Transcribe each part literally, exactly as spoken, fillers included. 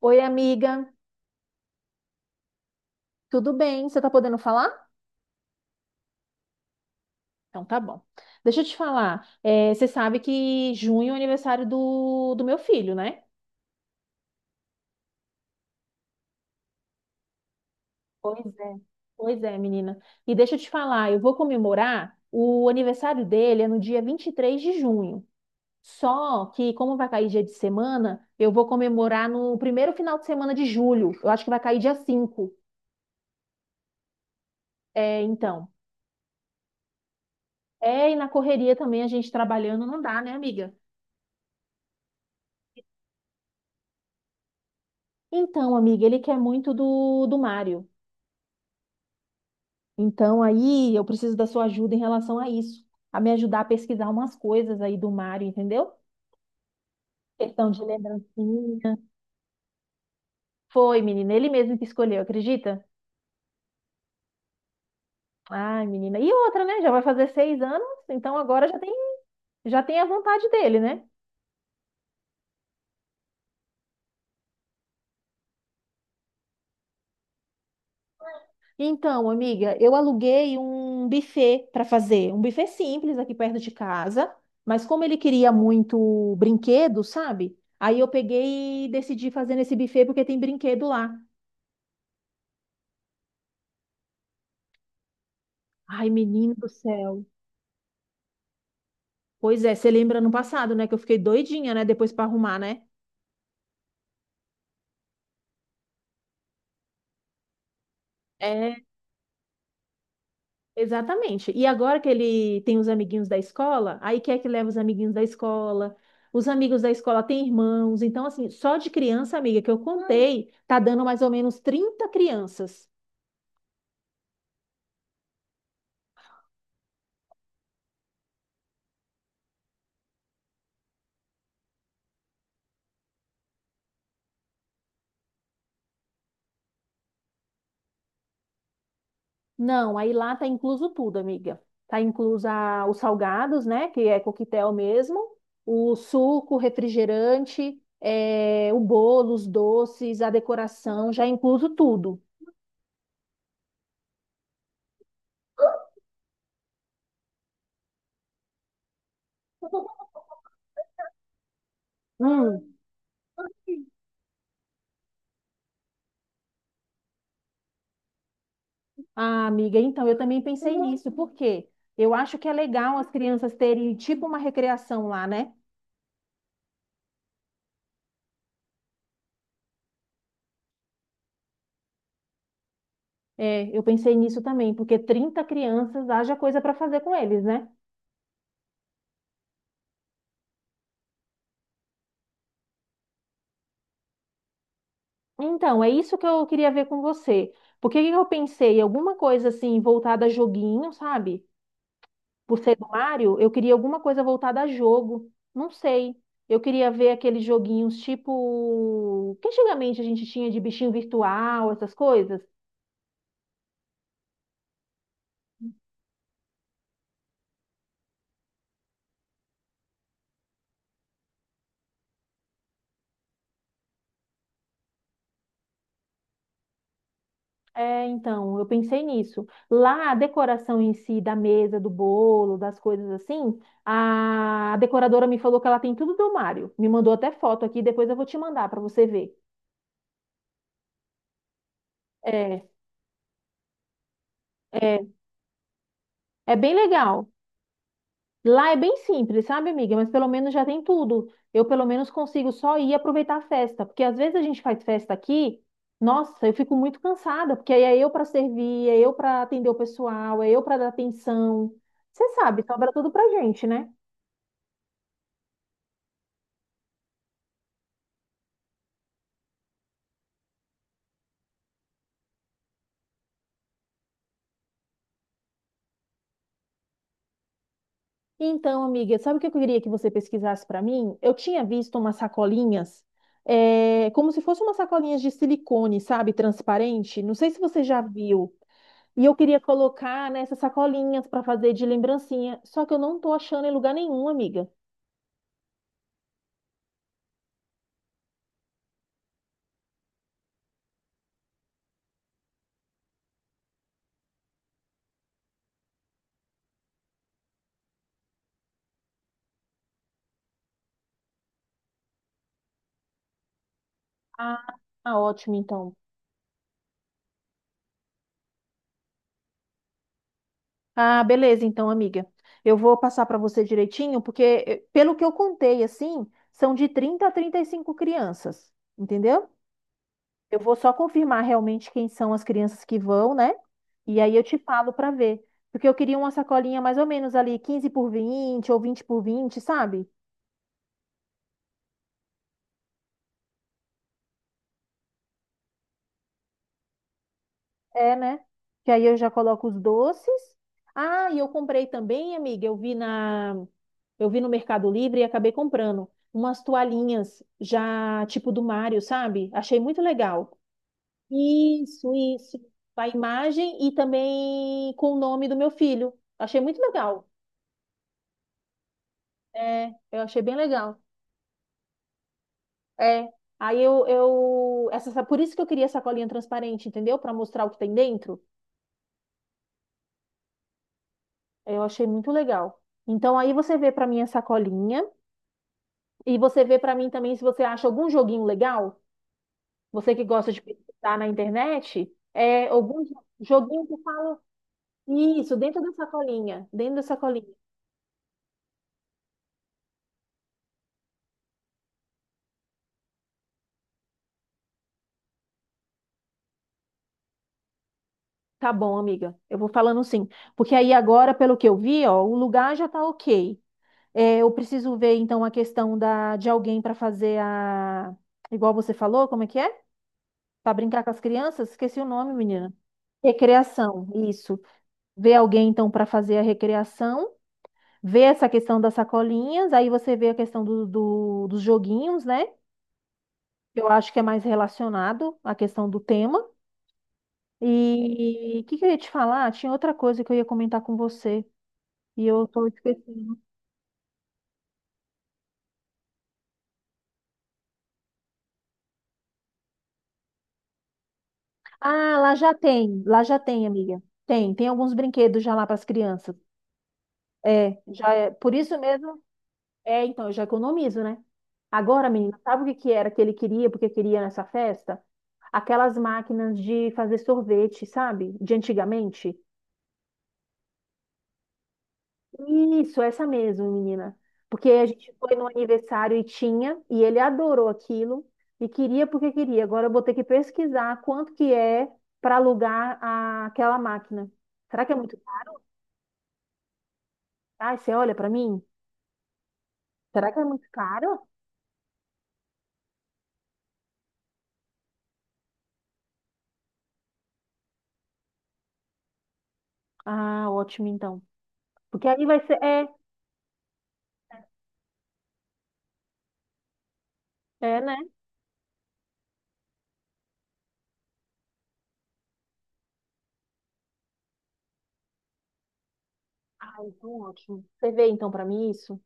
Oi, amiga, tudo bem? Você tá podendo falar? Então tá bom. Deixa eu te falar, é, você sabe que junho é o aniversário do, do meu filho, né? Pois é. Pois é, menina. E deixa eu te falar, eu vou comemorar o aniversário dele é no dia vinte e três de junho. Só que, como vai cair dia de semana, eu vou comemorar no primeiro final de semana de julho. Eu acho que vai cair dia cinco. É, então. É, e na correria também a gente trabalhando não dá, né, amiga? Então, amiga, ele quer muito do, do Mário. Então, aí eu preciso da sua ajuda em relação a isso, a me ajudar a pesquisar umas coisas aí do Mário, entendeu? Questão de lembrancinha. Foi, menina, ele mesmo que escolheu, acredita? Ai, menina. E outra, né? Já vai fazer seis anos, então agora já tem, já tem a vontade dele, né? Então, amiga, eu aluguei um buffet para fazer, um buffet simples aqui perto de casa, mas como ele queria muito brinquedo, sabe? Aí eu peguei e decidi fazer nesse buffet porque tem brinquedo lá. Ai, menino do céu. Pois é, você lembra no passado, né? Que eu fiquei doidinha, né? Depois pra arrumar, né? É, exatamente. E agora que ele tem os amiguinhos da escola, aí quer que leva os amiguinhos da escola. Os amigos da escola têm irmãos. Então, assim, só de criança, amiga, que eu contei, tá dando mais ou menos trinta crianças. Não, aí lá tá incluso tudo, amiga. Tá incluso a- os salgados, né? Que é coquetel mesmo, o suco, refrigerante, eh, o bolo, os doces, a decoração, já é incluso tudo. Hum. Ah, amiga, então eu também pensei nisso, porque eu acho que é legal as crianças terem tipo uma recreação lá, né? É, eu pensei nisso também, porque trinta crianças haja coisa para fazer com eles, né? Então, é isso que eu queria ver com você. Porque o que que eu pensei? Alguma coisa assim voltada a joguinho, sabe? Por ser do Mário, eu queria alguma coisa voltada a jogo. Não sei. Eu queria ver aqueles joguinhos tipo que antigamente a gente tinha de bichinho virtual, essas coisas. É, então, eu pensei nisso. Lá, a decoração em si da mesa, do bolo, das coisas assim, a decoradora me falou que ela tem tudo do Mário. Me mandou até foto aqui, depois eu vou te mandar para você ver. É, é, é bem legal. Lá é bem simples, sabe, amiga? Mas pelo menos já tem tudo. Eu pelo menos consigo só ir aproveitar a festa, porque às vezes a gente faz festa aqui, nossa, eu fico muito cansada, porque aí é eu para servir, é eu para atender o pessoal, é eu para dar atenção. Você sabe, sobra tudo pra gente, né? Então, amiga, sabe o que eu queria que você pesquisasse para mim? Eu tinha visto umas sacolinhas, eh, como se fossem umas sacolinhas de silicone, sabe, transparente. Não sei se você já viu. E eu queria colocar nessas sacolinhas para fazer de lembrancinha. Só que eu não tô achando em lugar nenhum, amiga. Ah, ah, ótimo, então. Ah, beleza, então, amiga. Eu vou passar para você direitinho, porque eh, pelo que eu contei, assim, são de trinta a trinta e cinco crianças, entendeu? Eu vou só confirmar realmente quem são as crianças que vão, né? E aí eu te falo para ver. Porque eu queria uma sacolinha mais ou menos ali, quinze por vinte ou vinte por vinte, sabe? É, né? Que aí eu já coloco os doces. Ah, e eu comprei também, amiga, eu vi na eu vi no Mercado Livre e acabei comprando umas toalhinhas já tipo do Mário, sabe? Achei muito legal. Isso, isso. Com a imagem e também com o nome do meu filho. Achei muito legal. É, eu achei bem legal. É. Aí eu, eu essa, essa- por isso que eu queria essa colinha transparente, entendeu? Para mostrar o que tem dentro. Eu achei muito legal. Então aí você vê para mim essa colinha e você vê para mim também se você acha algum joguinho legal, você que gosta de pesquisar na internet, é algum jo- joguinho que faz isso dentro dessa colinha, dentro dessa colinha. Tá bom, amiga. Eu vou falando sim, porque aí agora, pelo que eu vi, ó, o lugar já tá ok. É, eu preciso ver, então, a questão da, de alguém para fazer a. Igual você falou, como é que é? Para brincar com as crianças? Esqueci o nome, menina. Recreação, isso. Ver alguém, então, para fazer a recreação. Ver essa questão das sacolinhas. Aí você vê a questão do, do- dos joguinhos, né? Eu acho que é mais relacionado à questão do tema. E o que, que eu ia te falar? Tinha outra coisa que eu ia comentar com você. E eu tô esquecendo. Ah, lá já tem, lá já tem, amiga. Tem, tem alguns brinquedos já lá para as crianças. É, já é, por isso mesmo. É, então, eu já economizo, né? Agora, menina, sabe o que que era que ele queria, porque queria nessa festa? Aquelas máquinas de fazer sorvete, sabe? De antigamente. Isso, essa mesmo, menina. Porque a gente foi no aniversário e tinha, e ele adorou aquilo e queria porque queria. Agora eu vou ter que pesquisar quanto que é para alugar a- aquela máquina. Será que é muito. Ai, você olha pra mim? Será que é muito caro? Ah, ótimo então. Porque aí vai ser. É, é, né? Ah, então ótimo. Você vê então pra mim isso?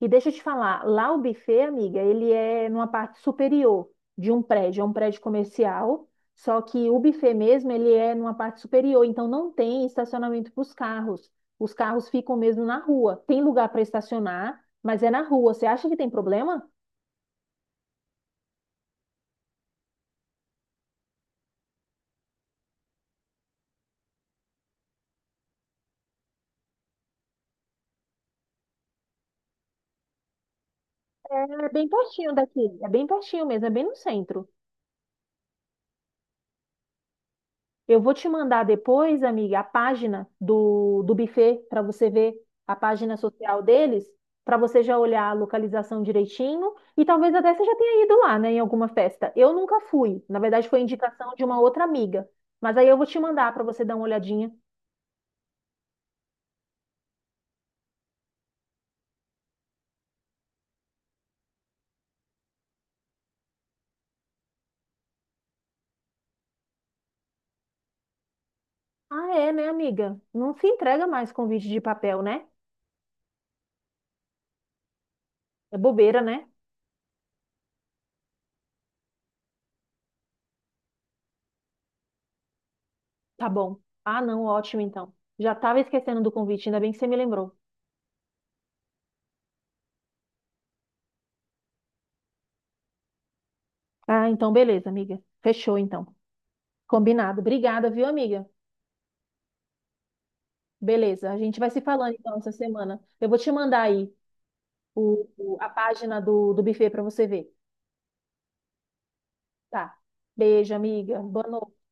E deixa eu te falar, lá o buffet, amiga, ele é numa parte superior de um prédio, é um prédio comercial, só que o buffet mesmo, ele é numa parte superior, então não tem estacionamento para os carros. Os carros ficam mesmo na rua. Tem lugar para estacionar, mas é na rua. Você acha que tem problema? É bem pertinho daqui, é bem pertinho mesmo, é bem no centro. Eu vou te mandar depois, amiga, a página do, do buffet para você ver a página social deles, para você já olhar a localização direitinho e talvez até você já tenha ido lá, né, em alguma festa. Eu nunca fui, na verdade foi indicação de uma outra amiga, mas aí eu vou te mandar para você dar uma olhadinha. Ah, é, né, amiga? Não se entrega mais convite de papel, né? É bobeira, né? Tá bom. Ah, não, ótimo então. Já estava esquecendo do convite, ainda bem que você me lembrou. Ah, então beleza, amiga. Fechou então. Combinado. Obrigada, viu, amiga? Beleza, a gente vai se falando então essa semana. Eu vou te mandar aí o, o- a página do, do buffet para você ver. Tá. Beijo, amiga. Boa noite.